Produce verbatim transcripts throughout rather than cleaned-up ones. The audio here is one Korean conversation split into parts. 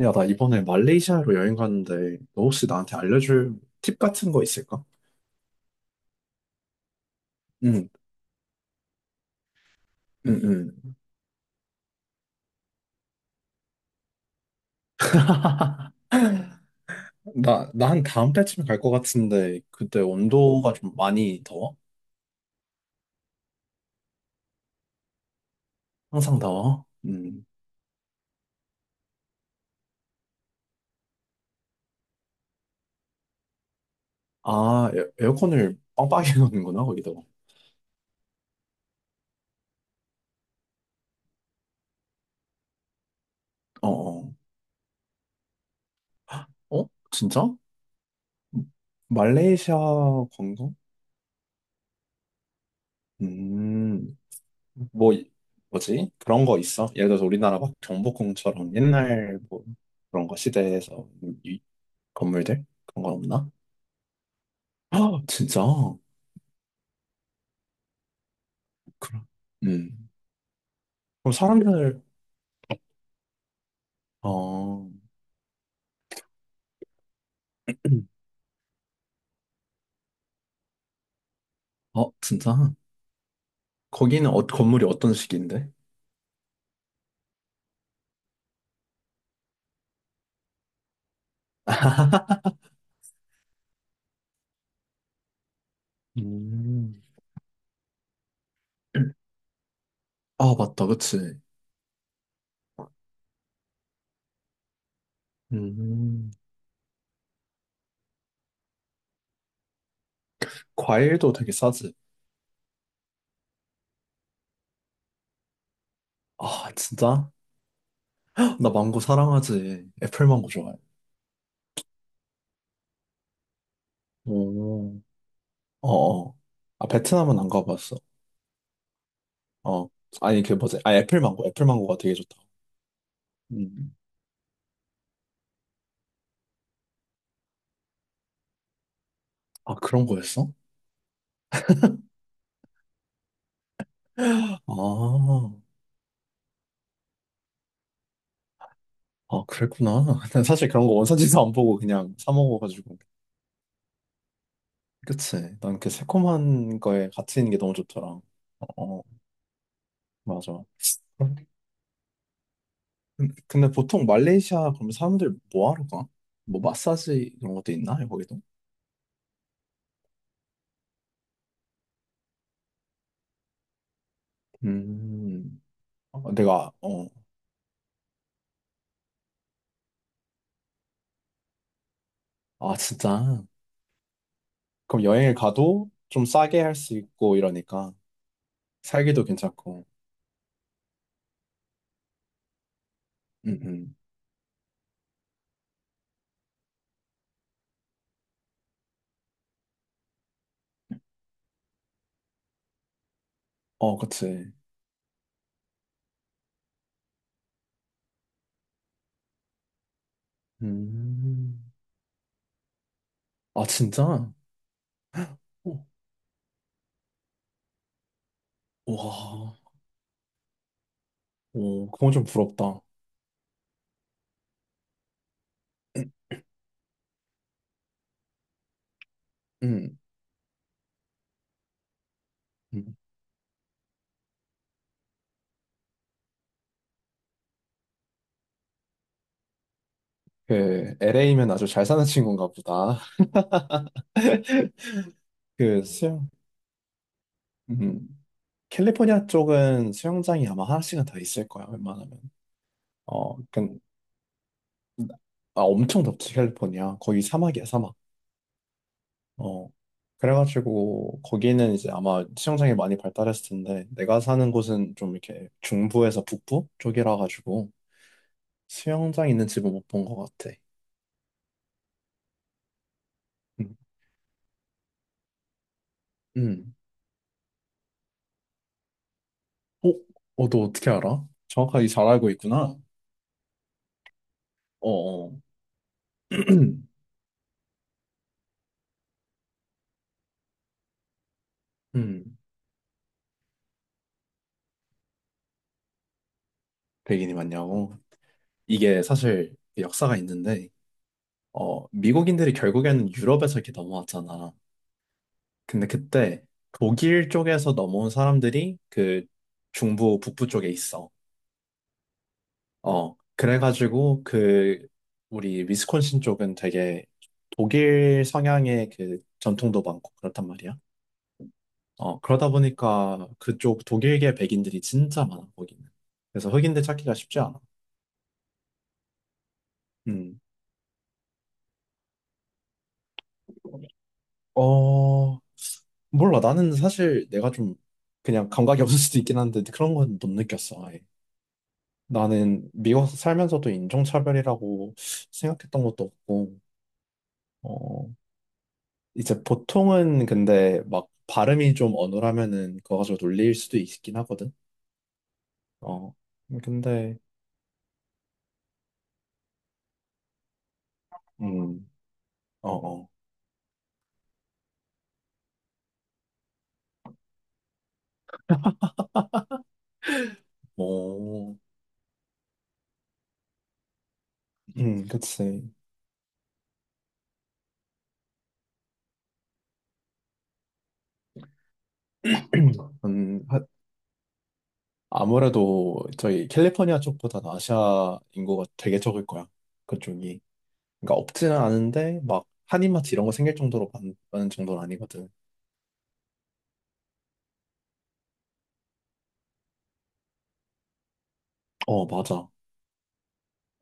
야, 나 이번에 말레이시아로 여행 가는데, 너 혹시 나한테 알려줄 팁 같은 거 있을까? 응, 응, 응. 나, 나 한 다음 달쯤에 갈 것 같은데, 그때 온도가 좀 많이 더워? 항상 더워? 음. 아, 에- 에어컨을 빵빵히 넣는구나 거기다. 어, 어. 어? 진짜? 말레이시아 관광? 음, 뭐, 이- 뭐지? 그런 거 있어? 예를 들어서 우리나라 막 경복궁처럼 옛날 뭐 그런 거 시대에서 건물들? 그런 건 없나? 아, 진짜? 그럼, 음. 그럼 사람들, 어, 어, 진짜? 거기는 어, 건물이 어떤 식인데? 음. 아, 맞다, 그치. 음. 과일도 되게 싸지. 아, 진짜? 나 망고 사랑하지. 애플 망고 좋아해. 오. 어, 어. 아, 베트남은 안 가봤어. 어. 아니, 그 뭐지? 아, 애플 망고. 애플 망고가 되게 좋다. 음. 아, 그런 거였어? 아. 아, 그랬구나. 난 사실 그런 거 원산지도 안 보고 그냥 사 먹어가지고. 그치. 난 그 새콤한 거에 같이 있는 게 너무 좋더라. 어, 어. 맞아. 근- 근데 보통 말레이시아 그럼 사람들 뭐 하러 가? 뭐 마사지 이런 것도 있나? 거기도? 음, 어, 내가, 어, 아, 진짜. 그럼 여행을 가도 좀 싸게 할 수 있고 이러니까 살기도 괜찮고. 음, 음. 어, 그치. 음. 아, 진짜? 어, 와. 오, 그건 좀 부럽다. 음, 음. 그 엘에이면 아주 잘 사는 친구인가 보다. 그 수영, 음. 캘리포니아 쪽은 수영장이 아마 하나씩은 더 있을 거야, 웬만하면. 어, 그, 아, 엄청 덥지, 캘리포니아. 거기 사막이야, 사막. 어. 그래가지고, 거기는 이제 아마 수영장이 많이 발달했을 텐데, 내가 사는 곳은 좀 이렇게 중부에서 북부 쪽이라 가지고, 수영장 있는 집은 못 본 것 같아. 음. 음. 어? 어, 너 어떻게 알아? 정확하게 잘 알고 있구나. 어, 어. 음, 백인이 맞냐고? 이게 사실 역사가 있는데, 어, 미국인들이 결국에는 유럽에서 이렇게 넘어왔잖아. 근데 그때 독일 쪽에서 넘어온 사람들이 그 중부, 북부 쪽에 있어. 어, 그래가지고 그 우리 위스콘신 쪽은 되게 독일 성향의 그 전통도 많고 그렇단 말이야. 어, 그러다 보니까 그쪽 독일계 백인들이 진짜 많아, 거기는. 그래서 흑인들 찾기가 쉽지 않아. 음. 어, 몰라. 나는 사실 내가 좀 그냥 감각이 없을 수도 있긴 한데 그런 건 못 느꼈어, 아예. 나는 미국에서 살면서도 인종차별이라고 생각했던 것도 없고, 어, 이제 보통은 근데 막 발음이 좀 어눌하면은 그거 가지고 놀릴 수도 있긴 하거든. 어, 근데, 음, 어, 어. 뭐, 음, 그치. 음, 하- 아무래도 저희 캘리포니아 쪽보다는 아시아 인구가 되게 적을 거야. 그쪽이. 그러니까 없지는 않은데 막 한인마트 이런 거 생길 정도로 많, 많은 정도는 아니거든. 어, 맞아.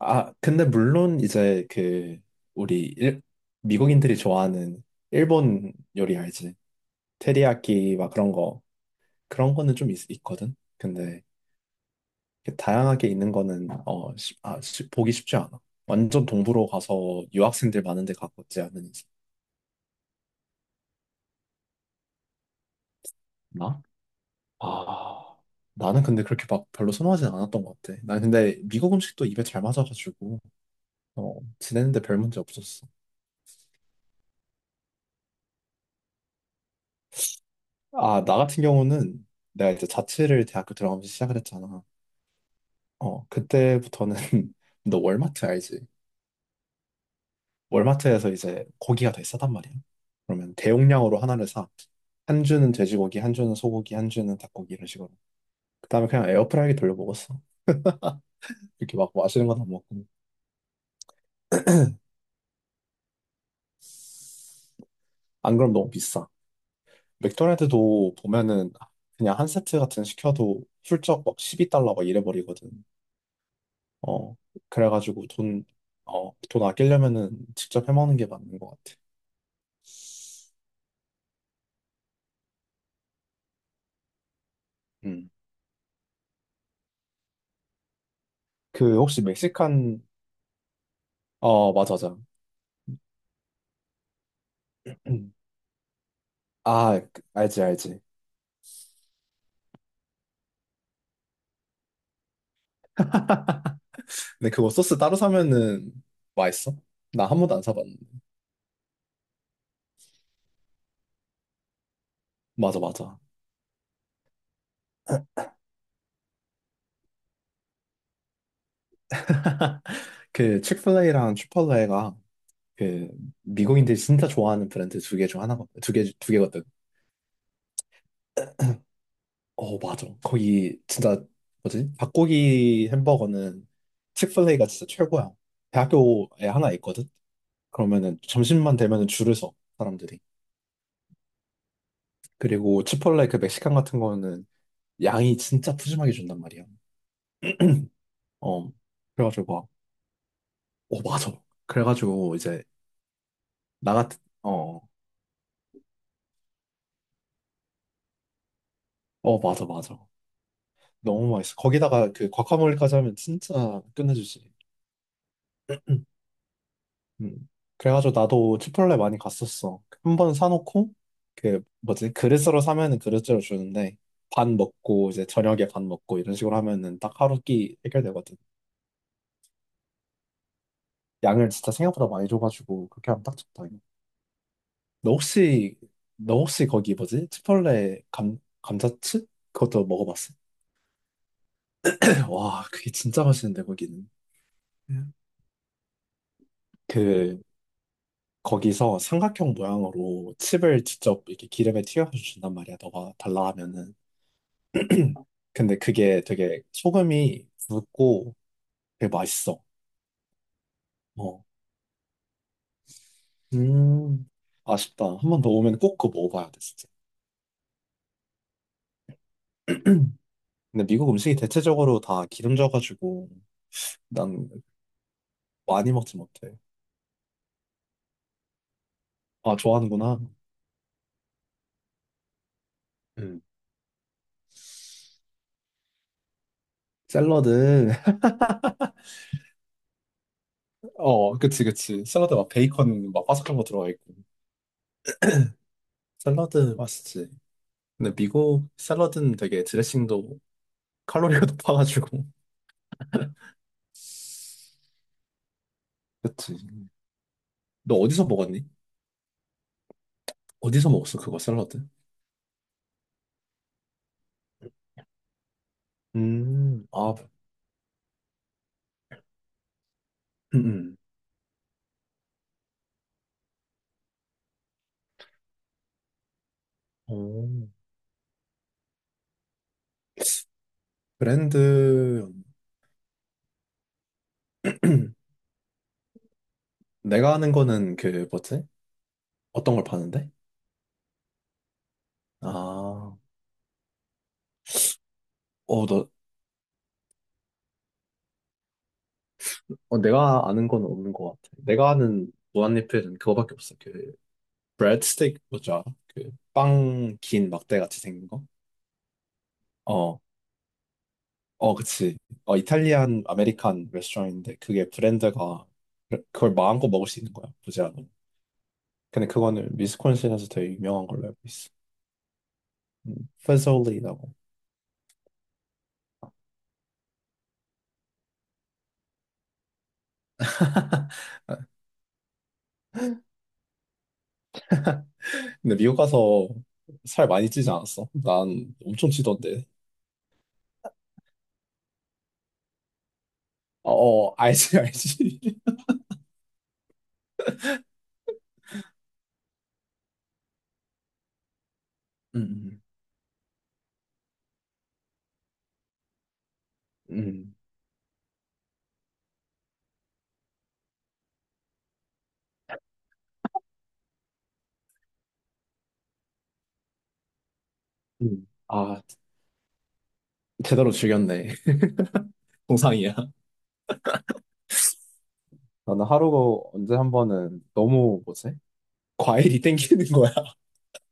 아, 근데 물론 이제 그 우리 일- 미국인들이 좋아하는 일본 요리 알지? 테리야끼 막 그런 거 그런 거는 좀 있, 있거든. 근데 이렇게 다양하게 있는 거는 어, 쉽- 아, 쉽- 보기 쉽지 않아. 완전 동부로 가서 유학생들 많은 데 갔었지 않은 이상. 아, 나는 근데 그렇게 막 별로 선호하진 않았던 것 같아. 난 근데 미국 음식도 입에 잘 맞아가지고, 어, 지내는데 별 문제 없었어. 아, 나 같은 경우는 내가 이제 자취를 대학교 들어가면서 시작을 했잖아. 어, 그때부터는 너 월마트 알지? 월마트에서 이제 고기가 되게 싸단 말이야. 그러면 대용량으로 하나를 사. 한 주는 돼지고기, 한 주는 소고기, 한 주는 닭고기 이런 식으로. 그다음에 그냥 에어프라이기 돌려 먹었어. 이렇게 막 맛있는 건 안 먹고. 안 그럼 너무 비싸. 맥도날드도 보면은 그냥 한 세트 같은 거 시켜도 훌쩍 막 십이 달러 막 이래버리거든. 어, 그래가지고 돈, 어, 돈 아끼려면은 직접 해먹는 게 맞는 것 같아. 음. 그 혹시 멕시칸, 어, 맞아, 맞아. 음. 아, 그- 알지, 알지. 근데 그거 소스 따로 사면은 맛있어? 나 한 번도 안 사봤는데. 맞아, 맞아. 그 치플레이랑 추팔레가 그 미국인들이 진짜 좋아하는 브랜드 두 개 중 하나거든. 두 개, 두 개거든. 어, 맞아. 거기 진짜 뭐지? 닭고기 햄버거는 치플레이가 진짜 최고야. 대학교에 하나 있거든. 그러면은 점심만 되면은 줄을 서 사람들이. 그리고 치폴레 그 멕시칸 같은 거는 양이 진짜 푸짐하게 준단 말이야. 어. 그래가지고 막, 어, 맞아. 그래가지고 이제 나 같은 어, 어, 맞아, 맞아. 너무 맛있어. 거기다가 그 과카몰리까지 하면 진짜 끝내주지. 음. 그래가지고 나도 치폴레 많이 갔었어. 한 번 사놓고 그 뭐지 그릇으로 사면은 그릇째로 주는데 반 먹고 이제 저녁에 반 먹고 이런 식으로 하면은 딱 하루 끼 해결되거든. 양을 진짜 생각보다 많이 줘가지고 그렇게 하면 딱 적당해. 너 혹시 너 혹시 거기 뭐지 치폴레 감 감자칩 그것도 먹어봤어? 와 그게 진짜 맛있는데 거기는. 음. 그 거기서 삼각형 모양으로 칩을 직접 이렇게 기름에 튀겨서 준단 말이야. 너가 달라 하면은. 근데 그게 되게 소금이 굵고 되게 맛있어. 어. 음, 아쉽다. 한 번 더 오면 꼭 그거 먹어봐야 돼, 진짜. 근데 미국 음식이 대체적으로 다 기름져가지고 난 많이 먹지 못해. 아, 좋아하는구나. 음. 샐러드. 어, 그치, 그치. 샐러드 막 베이컨 막 바삭한 거 들어가 있고. 샐러드 맛있지. 근데 미국 샐러드는 되게 드레싱도 칼로리가 높아가지고. 그치. 너 어디서 먹었니? 어디서 먹었어, 그거 샐러드? 음, 아, 음, 음. 오. 브랜드 내가 아는 거는 그 뭐지? 어떤 걸 파는데? 아, 어, 너, 어, 내가 아는 건 없는 것 같아. 내가 아는 무한리필은 그거밖에 없어. 그 브레드 스틱 뭐지 알아? 그빵 긴 막대 같이 생긴 거? 어, 어, 그치. 어, 이탈리안 아메리칸 레스토랑인데 그게 브랜드가 그- 그걸 마음껏 먹을 수 있는 거야. 보지 않 근데 그거는 위스콘신에서 되게 유명한 걸로 알고 있어. 음, 페솔리라고. 근데 미국 가서 살 많이 찌지 않았어? 난 엄청 찌던데. 어, 어, 알지, 알지. 음, 음. 음. 아, 제대로 즐겼네. 동상이야. 나는 하루가 언제 한 번은 너무 뭐지? 과일이 땡기는 거야.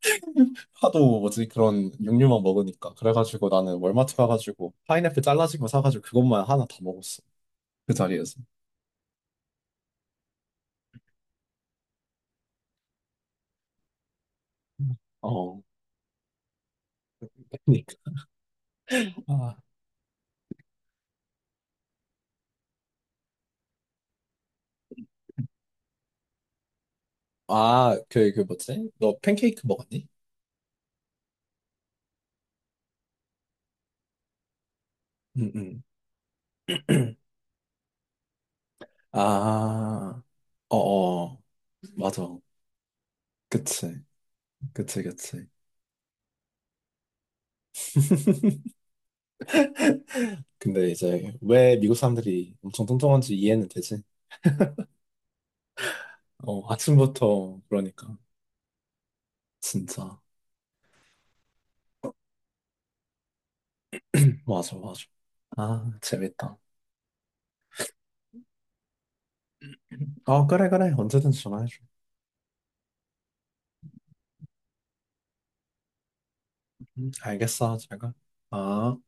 하도 뭐지 그런 육류만 먹으니까. 그래가지고 나는 월마트 가가지고 파인애플 잘라진 거 사가지고 그것만 하나 다 먹었어. 그 자리에서. 어, 그니까. 아, 아, 그, 그 뭐지? 너 팬케이크 먹었니? 응, 응. 아, 어어, 맞아. 그치, 그치, 그치. 근데 이제 왜 미국 사람들이 엄청 뚱뚱한지 이해는 되지? 어, 아침부터 그러니까. 진짜. 맞아, 맞아. 아, 재밌다. 어, 그래, 그래. 언제든지 전화해줘. 음, 알겠어, 제가. 아.